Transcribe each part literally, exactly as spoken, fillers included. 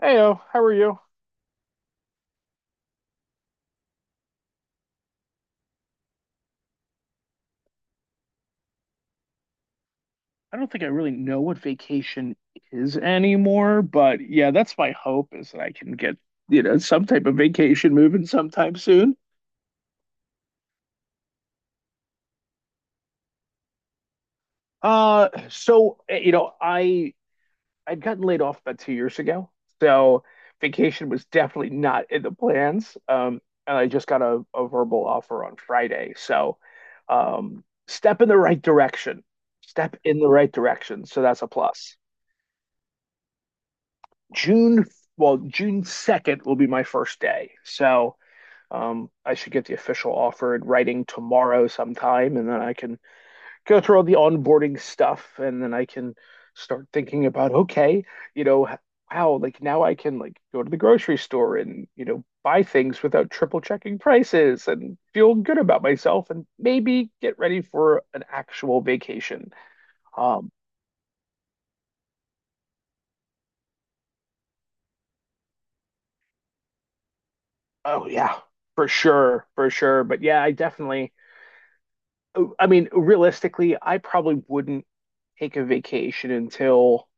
Heyo, how are you? I don't think I really know what vacation is anymore, but yeah, that's my hope, is that I can get, you know, some type of vacation moving sometime soon. Uh, so, eh, you know, I I'd gotten laid off about two years ago, so vacation was definitely not in the plans. Um, and I just got a, a verbal offer on Friday, so um, step in the right direction. Step in the right direction, so that's a plus. June, well, June second will be my first day. So um, I should get the official offer in writing tomorrow sometime, and then I can go through all the onboarding stuff, and then I can start thinking about, okay, you know, h- wow, like now I can like go to the grocery store and, you know, buy things without triple checking prices and feel good about myself and maybe get ready for an actual vacation. Um, oh yeah, for sure, for sure. But yeah, I definitely I mean, realistically, I probably wouldn't take a vacation until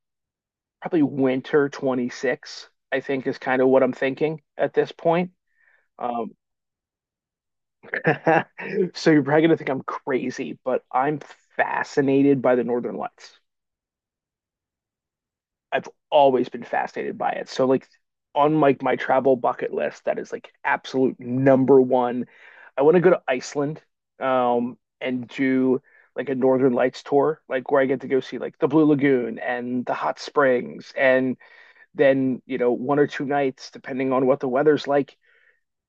probably winter twenty-six, I think, is kind of what I'm thinking at this point. Um, so you're probably going to think I'm crazy, but I'm fascinated by the Northern Lights. I've always been fascinated by it. So like on like my travel bucket list, that is like absolute number one. I want to go to Iceland, um, and do like a Northern Lights tour, like where I get to go see like the Blue Lagoon and the hot springs, and then you know one or two nights, depending on what the weather's like,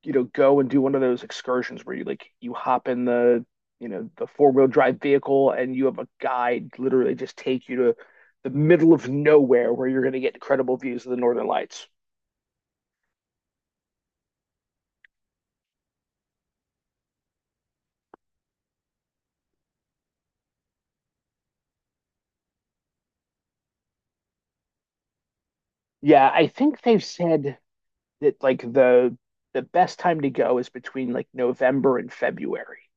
you know, go and do one of those excursions where you like you hop in the, you know, the four-wheel drive vehicle and you have a guide literally just take you to the middle of nowhere where you're going to get incredible views of the Northern Lights. Yeah, I think they've said that like the the best time to go is between like November and February.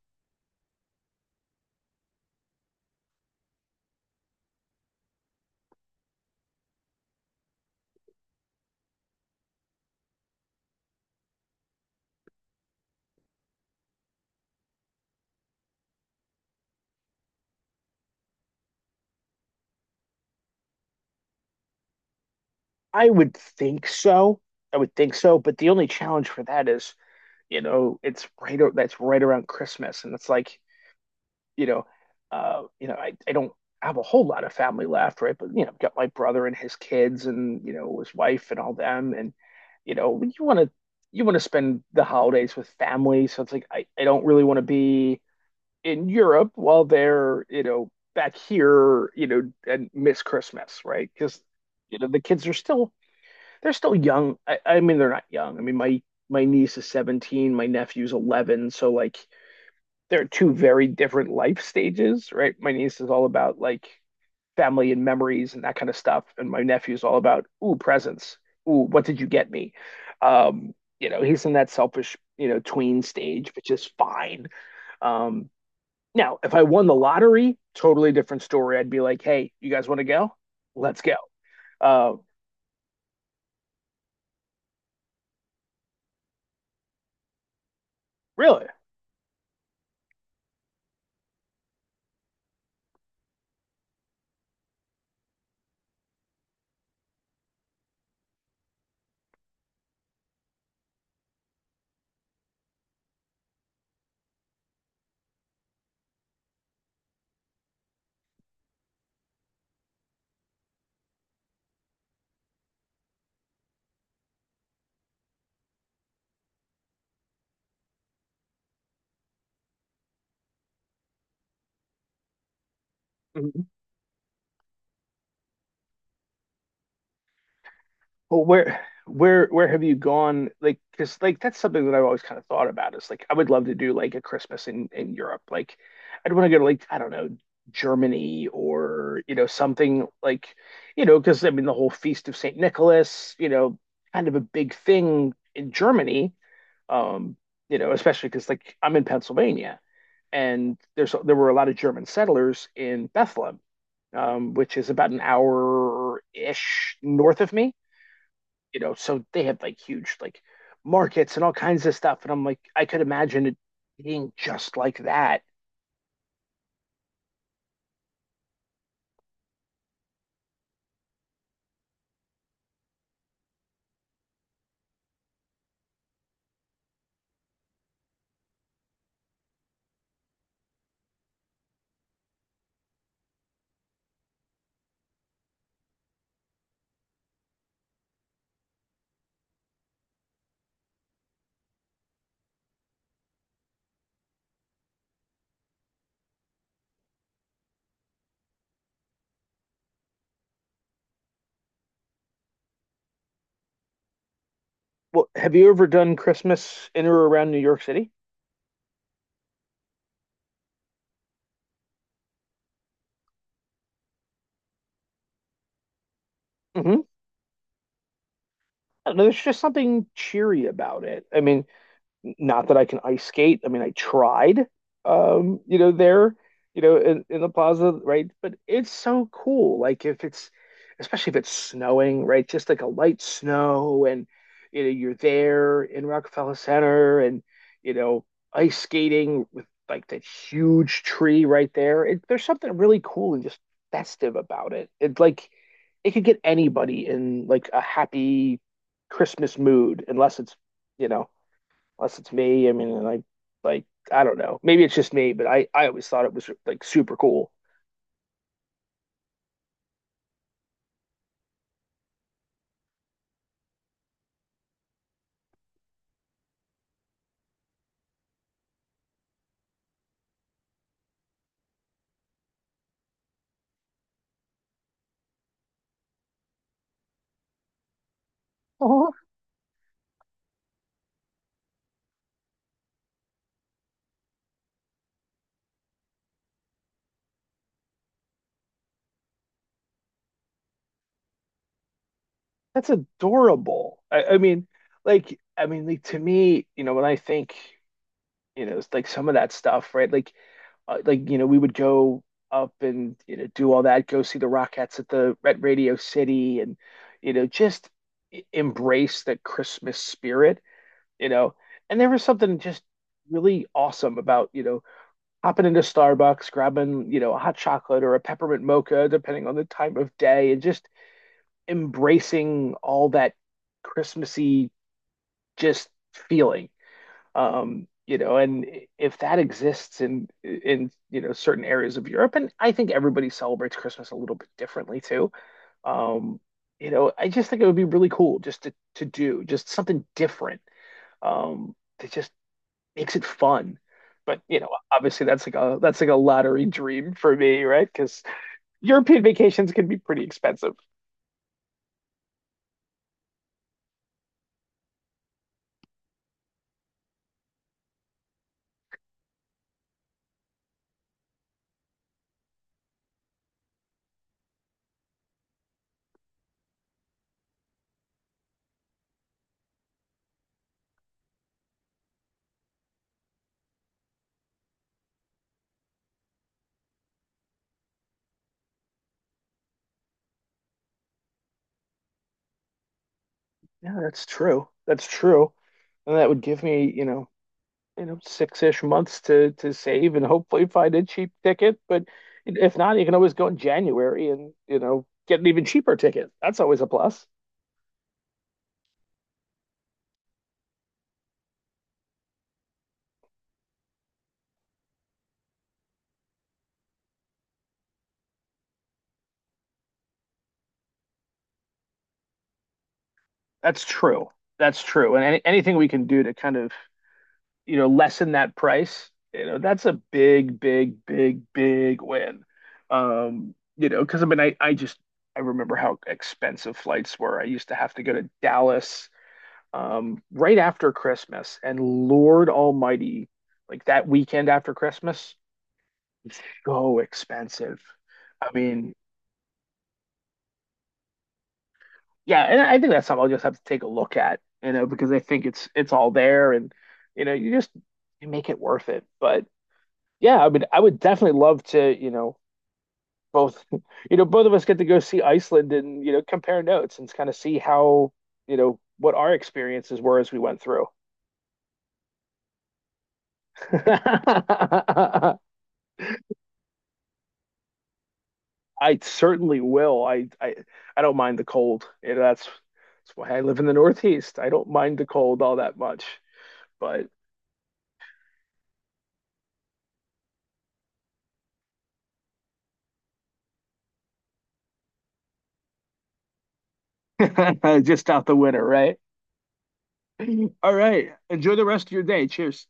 I would think so. I would think so. But the only challenge for that is, you know, it's right o- that's right around Christmas, and it's like, you know, uh, you know, I, I don't have a whole lot of family left, right? But you know, I've got my brother and his kids, and you know, his wife and all them, and you know, you want to you want to spend the holidays with family, so it's like I, I don't really want to be in Europe while they're, you know, back here, you know, and miss Christmas, right? Because you know, the kids are still they're still young. I, I mean, they're not young. I mean, my my niece is seventeen, my nephew's eleven, so like they're two very different life stages, right? My niece is all about like family and memories and that kind of stuff, and my nephew's all about ooh, presents. Ooh, what did you get me? Um, you know, he's in that selfish, you know, tween stage, which is fine. Um, Now, if I won the lottery, totally different story. I'd be like, hey, you guys want to go? Let's go. Uh, Really. Well, where where where have you gone? Like, because like that's something that I've always kind of thought about, is like I would love to do like a Christmas in in Europe. Like, I'd want to go to like I don't know Germany or you know something like you know because I mean the whole Feast of Saint Nicholas, you know, kind of a big thing in Germany. Um, you know, especially because like I'm in Pennsylvania and there's there were a lot of German settlers in Bethlehem, um, which is about an hour ish north of me, you know, so they have like huge like markets and all kinds of stuff. And I'm like, I could imagine it being just like that. Well, have you ever done Christmas in or around New York City? Mm-hmm. I don't know, there's just something cheery about it. I mean, not that I can ice skate. I mean, I tried, um, you know, there, you know, in, in the plaza, right? But it's so cool. Like if it's, especially if it's snowing, right? Just like a light snow and, you know, you're there in Rockefeller Center and, you know, ice skating with like that huge tree right there. It, there's something really cool and just festive about it. It's like it could get anybody in like a happy Christmas mood, unless it's, you know, unless it's me. I mean, and I like I don't know. Maybe it's just me, but I I always thought it was like super cool. Oh, that's adorable. I, I mean, like I mean, like to me, you know, when I think, you know, it's like some of that stuff, right? Like, uh, like you know, we would go up and you know do all that, go see the Rockettes at the at Radio City, and you know, just e- embrace the Christmas spirit, you know. And there was something just really awesome about, you know, hopping into Starbucks, grabbing, you know, a hot chocolate or a peppermint mocha, depending on the time of day, and just embracing all that Christmassy just feeling. Um, you know, and if that exists in in you know certain areas of Europe, and I think everybody celebrates Christmas a little bit differently too. Um, you know, I just think it would be really cool just to to do just something different. Um, to Just makes it fun. But you know, obviously that's like a that's like a lottery dream for me, right? Because European vacations can be pretty expensive. Yeah, that's true. That's true. And that would give me, you know, you know six-ish months to to save and hopefully find a cheap ticket. But if not, you can always go in January and you know get an even cheaper ticket. That's always a plus. That's true. That's true. And any, anything we can do to kind of you know, lessen that price, you know, that's a big, big, big, big win. Um, you know, because I mean, I, I just, I remember how expensive flights were. I used to have to go to Dallas um, right after Christmas, and Lord Almighty, like that weekend after Christmas, it's so expensive. I mean, yeah, and I think that's something I'll just have to take a look at, you know, because I think it's it's all there, and you know, you just you make it worth it. But yeah, I mean, I would definitely love to, you know, both, you know, both of us get to go see Iceland and, you know, compare notes and kind of see how, you know, what our experiences were as we went through. I certainly will. I, I, I don't mind the cold. You know, that's, that's why I live in the Northeast. I don't mind the cold all that much, but just out the winter, right? All right. Enjoy the rest of your day. Cheers.